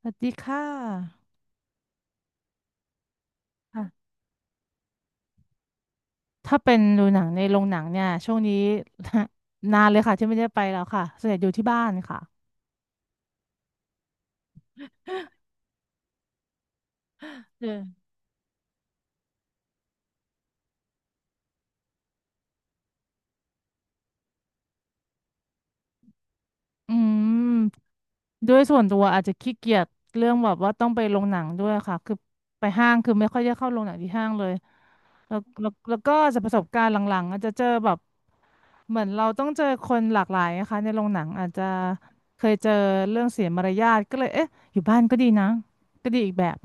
สวัสดีค่ะค่ะถ้าเป็นดูหนังในโรงหนังเนี่ยช่วงนี้ นานเลยค่ะที่ไม่ได้ไปแล้วค่ะส่วนใหญ่อยู่ที่บ้านค่ะเอออืมด้วยส่วนตัวอาจจะขี้เกียจเรื่องแบบว่าต้องไปโรงหนังด้วยค่ะคือไปห้างคือไม่ค่อยได้เข้าโรงหนังที่ห้างเลยแล้วก็จะประสบการณ์หลังๆอาจจะเจอแบบเหมือนเราต้องเจอคนหลากหลายนะคะในโรงหนังอาจจะเคยเจอเรื่องเสียมารยาทก็เลยเอ๊ะอยู่บ้านก็ดีนะก็ดีอีกแบบ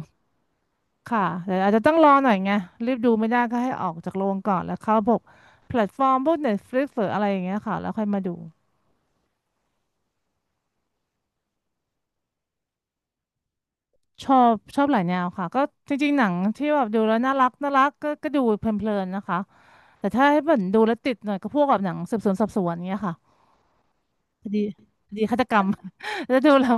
ค่ะแต่อาจจะต้องรอหน่อยไงรีบดูไม่ได้ก็ให้ออกจากโรงก่อนแล้วเข้าพวกแพลตฟอร์มพวก Netflix หรืออะไรอย่างเงี้ยค่ะแล้วค่อยมาดูชอบหลายแนวค่ะก็จริงๆหนังที่แบบดูแล้วน่ารักน่ารักก็ดูเพลินๆนะคะแต่ถ้าให้เหมือนดูแล้วติดหน่อยก็พวกแบบหนังสืบสวนสอบสวนเงี้ยค่ะคดีคดีฆาตกรรม แล้วดูแล้ว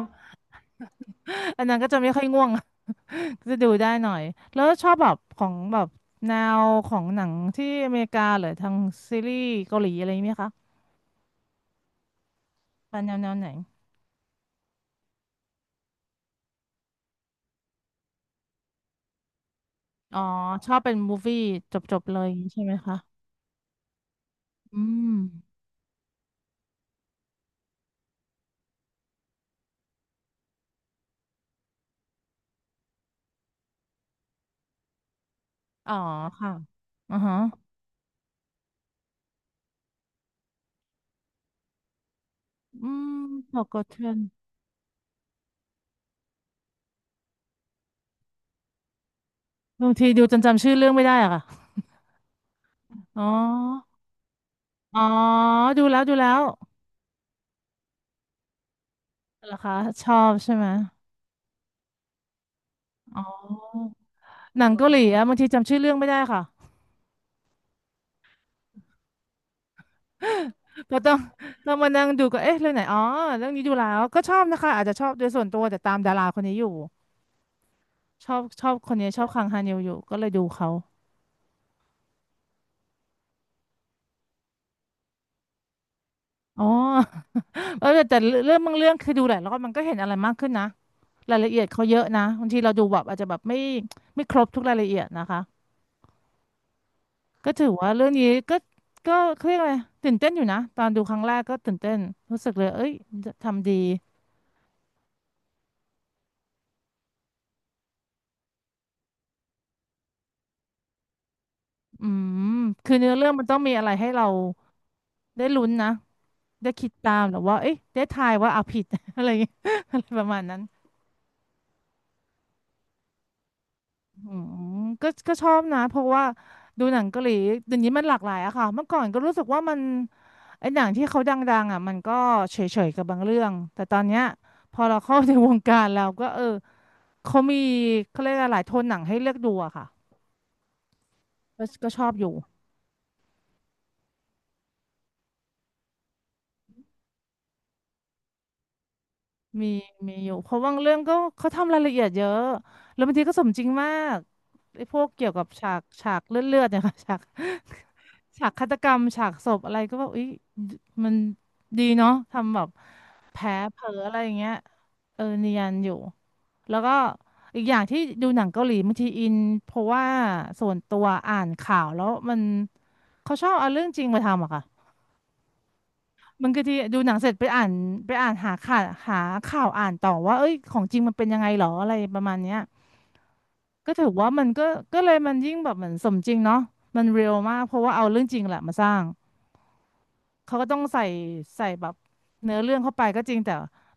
อันนั้นก็จะไม่ค่อยง่วง ก็จะดูได้หน่อยแล้วชอบแบบของแบบแนวของหนังที่อเมริกาหรือทางซีรีส์เกาหลีอะไรไหมคะเป็นแนวแนวไหน อ๋อชอบเป็นมูฟวี่จบๆเลยอย่างงี้ใช่ไหมคะอืมอ๋อค่ะอือฮะอืม Forgotten บางทีดูจนจำชื่อเรื่องไม่ได้อะค่ะอ๋ออ๋อดูแล้วดูแล้วเหรอคะชอบใช่ไหมอ๋อหนังเกาหลีอะบางทีจำชื่อเรื่องไม่ได้ค่ะก็ต้องมานั่งดูก็เอ๊ะเรื่องไหนอ๋อเรื่องนี้ดูแล้วก็ชอบนะคะอาจจะชอบโดยส่วนตัวแต่ตามดาราคนนี้อยู่ชอบคนนี้ชอบคังฮานิวอยู่ก็เลยดูเขาอ๋อ เออแต่เรื่องบางเรื่องคือดูหลายรอบมันก็เห็นอะไรมากขึ้นนะรายละเอียดเขาเยอะนะบางทีเราดูแบบอาจจะแบบไม่ครบทุกรายละเอียดนะคะก็ถือว่าเรื่องนี้ก็เขาเรียกอะไรตื่นเต้นอยู่นะตอนดูครั้งแรกก็ตื่นเต้นรู้สึกเลยเอ้ยทำดีอืมคือเนื้อเรื่องมันต้องมีอะไรให้เราได้ลุ้นนะได้คิดตามหรือว่าเอ้ยได้ทายว่าเอาผิด อะไรอย่างเงี้ยอะไรประมาณนั้นอืมก็ชอบนะเพราะว่าดูหนังเกาหลีเดี๋ยวนี้มันหลากหลายอะค่ะเมื่อก่อนก็รู้สึกว่ามัน ไอ้หนังที่เขาดังๆอ่ะมันก็เฉยๆกับบางเรื่องแต่ตอนเนี้ยพอเราเข้าในวงการเราก็เออเขามีเขาเรียกอะไรหลายโทนหนังให้เลือกดูอะค่ะก็ชอบอยู่มีมีอยู่เพราะบางเรื่องก็เขาทำรายละเอียดเยอะแล้วบางทีก็สมจริงมากไอ้พวกเกี่ยวกับฉากเลือดๆเนี่ยค่ะ ฉาก ฉากฆาตกรรมฉากศพอะไรก็แบบอุ๊ยมันดีเนาะทำแบบแผลเผลออะไรอย่างเงี้ยเออเนียนอยู่แล้วก็อีกอย่างที่ดูหนังเกาหลีบางทีอินเพราะว่าส่วนตัวอ่านข่าวแล้วมันเขาชอบเอาเรื่องจริงมาทำอะค่ะบางทีดูหนังเสร็จไปอ่านไปอ่านหาข่าวอ่านต่อว่าเอ้ยของจริงมันเป็นยังไงหรออะไรประมาณเนี้ยก็ถือว่ามันก็เลยมันยิ่งแบบเหมือนสมจริงเนาะมันเรียลมากเพราะว่าเอาเรื่องจริงแหละมาสร้าง เขาก็ต้องใส่ใส่แบบเนื้อเรื่องเข้าไปก็จริงแต่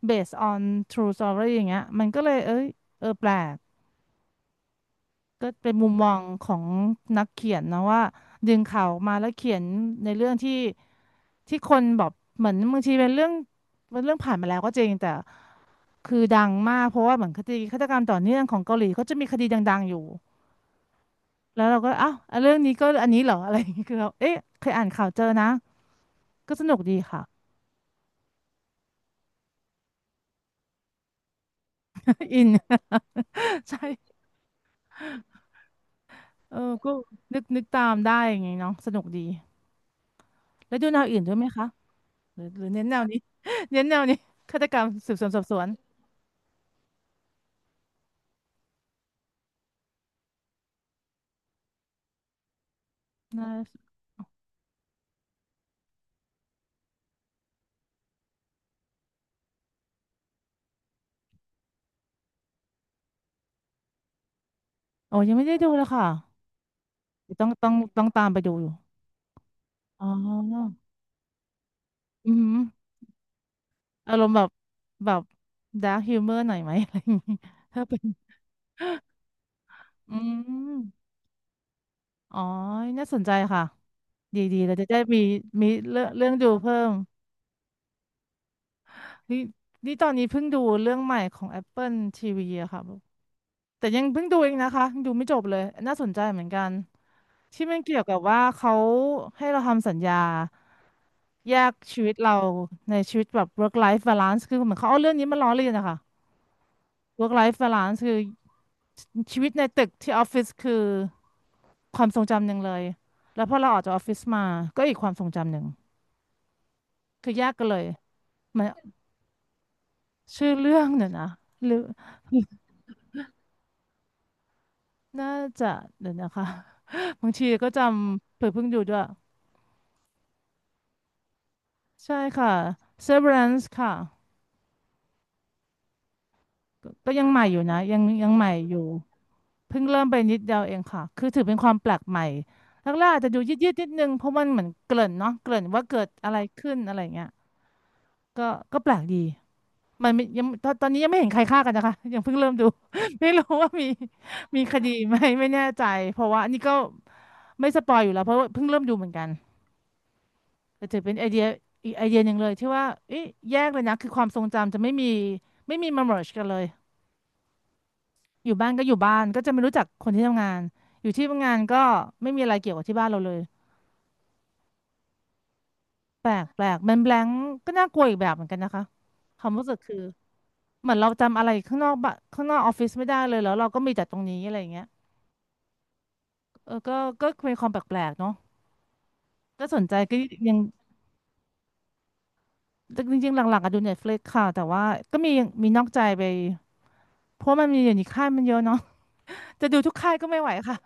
based on true story อย่างเงี้ยมันก็เลยเอ้ยเออแปลกก็เป็นมุมมองของนักเขียนนะว่าดึงข่าวออกมาแล้วเขียนในเรื่องที่คนแบบเหมือนบางทีเป็นเรื่องเป็นเรื่องผ่านมาแล้วก็จริงแต่คือดังมากเพราะว่าเหมือนคดีฆาตกรรมต่อเนื่องของเกาหลีเขาจะมีคดีดังๆอยู่แล้วเราก็อ้าวอ่ะเรื่องนี้ก็อันนี้เหรออะไรอย่างเงี้ยคือเราเอ๊ะเคยอ่านข่าวเจอนะก็สนุกดีค่ะ อิน ใช่ เออก็นึกตามได้อย่างไงเนาะสนุกดีแล้วดูแนวอื่นด้วยไหมคะหรือเน้นแนวนี้ เน้นแนวนี้ฆาตกรรมสืบสวนสอบสวนนะโอ้ยังไม่ได้ดูเลยค่ะเดี๋ยวต้องตามไปดูอยู่อ๋ออือหืออารมณ์แบบแบบดาร์คฮิวเมอร์หน่อยไหม อะไรอย่างงี้ถ้าเป็นอืมอ๋อน่าสนใจค่ะดีดีเราจะได้มีมีเรื่องเรื่องดูเพิ่มนี่นี่ตอนนี้เพิ่งดูเรื่องใหม่ของ Apple TV อะค่ะ แต่ยังเพิ่งดูเองนะคะยังดูไม่จบเลยน่าสนใจเหมือนกันที่มันเกี่ยวกับว่าเขาให้เราทำสัญญาแยกชีวิตเราในชีวิตแบบ work life balance คือเหมือนเขาเอาเรื่องนี้มาล้อเลียนนะคะ work life balance คือชีวิตในตึกที่ออฟฟิศคือความทรงจำหนึ่งเลยแล้วพอเราออกจากออฟฟิศมาก็อีกความทรงจำหนึ่งคือแยกกันเลยมันชื่อเรื่องเนี่ยนะหรือน่าจะเดี๋ยวนะคะ บางทีก็จำเผื่อเพิ่งดูด้วย ใช่ค่ะ Severance ค่ะก็ยังใหม่อยู่นะยังใหม่อยู่เพิ่งเริ่มไปนิดเดียวเองค่ะคือถือเป็นความแปลกใหม่แรกๆอาจจะดูยืดนิดนึงเพราะมันเหมือนเกริ่นเนาะเกริ่นว่าเกิดอะไรขึ้นอะไรเงี้ยก็ก็แปลกดีมันไม่ยังตอนนี้ยังไม่เห็นใครฆ่ากันนะคะยังเพิ่งเริ่มดู ไม่รู้ว่ามีมีคดีไหมไม่แน่ใจเพราะว่าอันนี้ก็ไม่สปอยอยู่แล้วเพราะว่าเพิ่งเริ่มดูเหมือนกันแต่ถือเป็นไอเดียอีกไอเดียหนึ่งเลยที่ว่าเอ๊ะแยกเลยนะคือความทรงจำจะไม่มีไม่มีมาเมิร์กันเลย อยู่บ้านก็อยู่บ้านก็จะไม่รู้จักคนที่ทำงานอยู่ที่ทำงานก็ไม่มีอะไรเกี่ยวกับที่บ้านเราเลยแปลกมันแบลงก็น่ากลัวอีกแบบเหมือนกันนะคะความรู้สึกคือเหมือนเราจำอะไรข้างนอกบ้านข้างนอกออฟฟิศไม่ได้เลยแล้วเราก็มีแต่ตรงนี้อะไรอย่างเงี้ยเออก็ก็เป็นความแปลกๆเนาะก็สนใจก็ยังจริงๆหลักๆอะดู Netflix ค่ะแต่ว่าก็มีมีนอกใจไปเพราะมันมีอยู่ในค่ายมันเยอะเนาะจะดูทุกค่ายก็ไม่ไหวค่ะ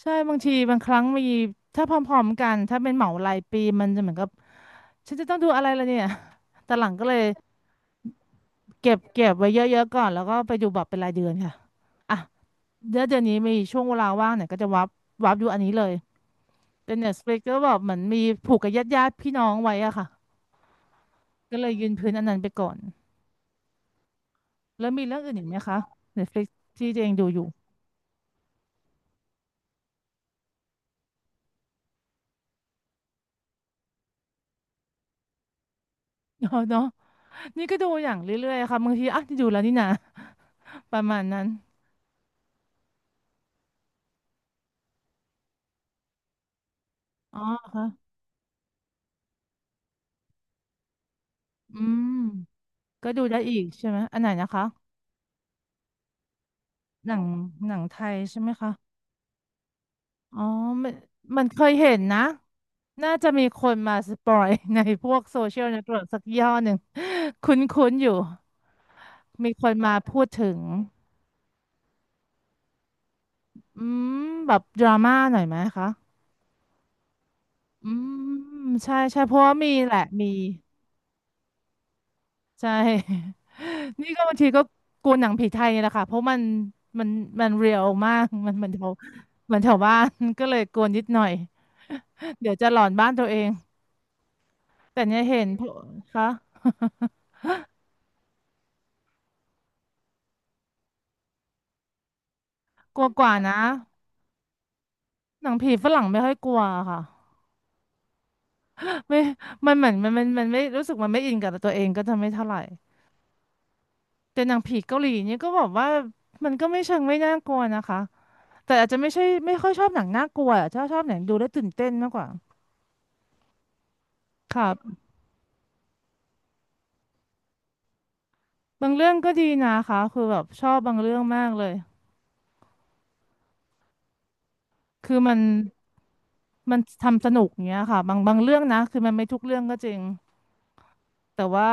ใช่บางทีบางครั้งมีถ้าพร้อมๆกันถ้าเป็นเหมารายปีมันจะเหมือนกับ ฉันจะต้องดูอะไรล่ะเนี่ยแต่หลังก็เลยเก็บไว้เยอะๆก่อนแล้วก็ไปดูแบบเป็นรายเดือนค่ะอ่ะเดือนนี้มีช่วงเวลาว่างเนี่ยก็จะวับวับดูอันนี้เลยเป็น Netflix ก็แบบเหมือนมีผูกกับญาติพี่น้องไว้อะค่ะก็เลยยืนพื้นอันนั้นไปก่อนแล้วมีเรื่องอื่นอีกไหมคะ Netflix ที่ตัวเองดูอยู่ เนาะนี่ก็ดูอย่างเรื่อยๆค่ะบางทีอ่ะนี่ดูแล้วนี่นะประมาณนั้นอ๋อค่ะอืมก็ดูได้อีกใช่ไหมอันไหนนะคะหนังหนังไทยใช่ไหมคะ อ๋อมันเคยเห็นนะ น่าจะมีคนมาสปอย ในพวกโซเชียลเน็ตเวิร์กสักย่อหนึ่ง คุ้นๆอยู่ มีคนมาพูดถึง อืม แบบดราม่าหน่อยไหมคะ อืม ใช่ใช่ เพราะว่ามีแหละมี ใช่ นี่ก็บางทีก็กลัวหนังผีไทยนี่แหละค่ะ เพราะมัน มันเรียลมาก มันแถวแถวบ้าน ก็เลยกลัวนิดหน่อย เดี๋ยวจะหลอนบ้านตัวเอง แต่เนี่ยเห็นพวกคะ กลัวกว่านะหนังผีฝรั่งไม่ค่อยกลัวค่ะไม่มันเหมือนมันไม่รู้สึกมันไม่อินกับตัวเองก็จะไม่เท่าไหร่แต่หนังผีเกาหลีเนี่ยก็บอกว่ามันก็ไม่เชิงไม่น่ากลัวนะคะแต่อาจจะไม่ใช่ไม่ค่อยชอบหนังน่ากลัวอะชอบหนังดูแล้วตื่นเต้นมากกว่าค่ะบางเรื่องก็ดีนะคะคือแบบชอบบางเรื่องมากเลยคือมันทำสนุกอย่างเงี้ยค่ะบางเรื่องนะคือมันไม่ทุกเรื่องก็จริงแต่ว่า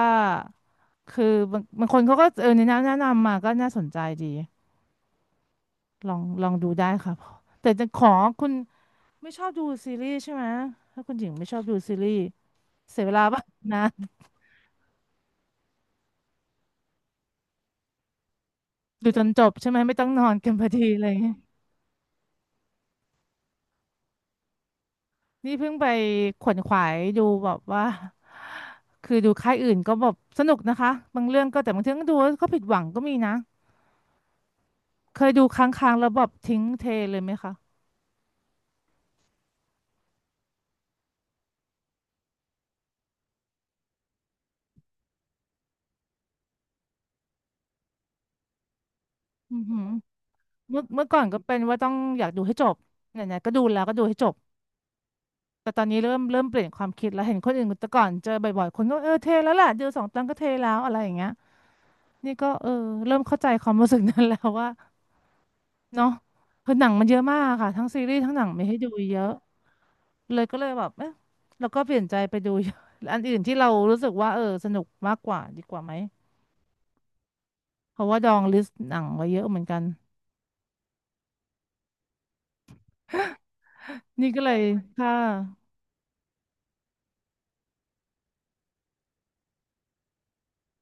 คือบางคนเขาก็เออแนะนำมาก็น่าสนใจดี ลองดูได้ค่ะแต่จะขอคุณไม่ชอบดูซีรีส์ใช่ไหมถ้าคุณหญิงไม่ชอบดูซีรีส์เสียเวลาป่ะนะดูจนจบใช่ไหมไม่ต้องนอนกันพอดีอะไรอย่างเงี้ยนี่เพิ่งไปขวนขวายดูแบบว่าคือดูค่ายอื่นก็แบบสนุกนะคะบางเรื่องก็แต่บางเรื่องก็ดูแล้วก็ผิดหวังก็มีนะเคยดูค้างๆแล้วแบบทิ้งเทเลยไหมคะอือหือเมื่อก่อนก็เป็นว่าต้องอยากดูให้จบไหนๆก็ดูแล้วก็ดูให้จบ แต่ตอนนี้เริ่มเปลี่ยนความคิดแล้วเห็นคนอื่นแต่ก่อนเจอบ่อยๆคนก็เออเทแล้วแหละดูสองตอนก็เทแล้วอะไรอย่างเงี้ยนี่ก็เออเริ่มเข้าใจความรู้สึกนั้นแล้วว่าเนาะคือหนังมันเยอะมากค่ะทั้งซีรีส์ทั้งหนังมีให้ดูเยอะเลยก็เลยแบบเอ๊ะเราก็เปลี่ยนใจไปดู อัน อื่นที่เรารู้สึกว่าเออสนุกมากกว่าดีกว่าไหมเพราะว่าดองลิสต์หนังไว้เยอะเหมือนกันนี่ก็เลยค่ะ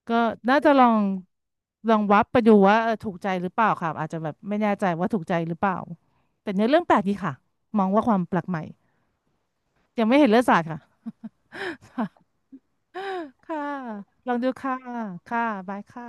ก็น่าจะลองวับไปดูว่าเออถูกใจหรือเปล่าค่ะอาจจะแบบไม่แน่ใจว่าถูกใจหรือเปล่าแต่เนื้อเรื่องแปลกดีค่ะมองว่าความแปลกใหม่ยังไม่เห็นเลือดสาดค่ะ ค่ะลองดูค่ะค่ะบายค่ะ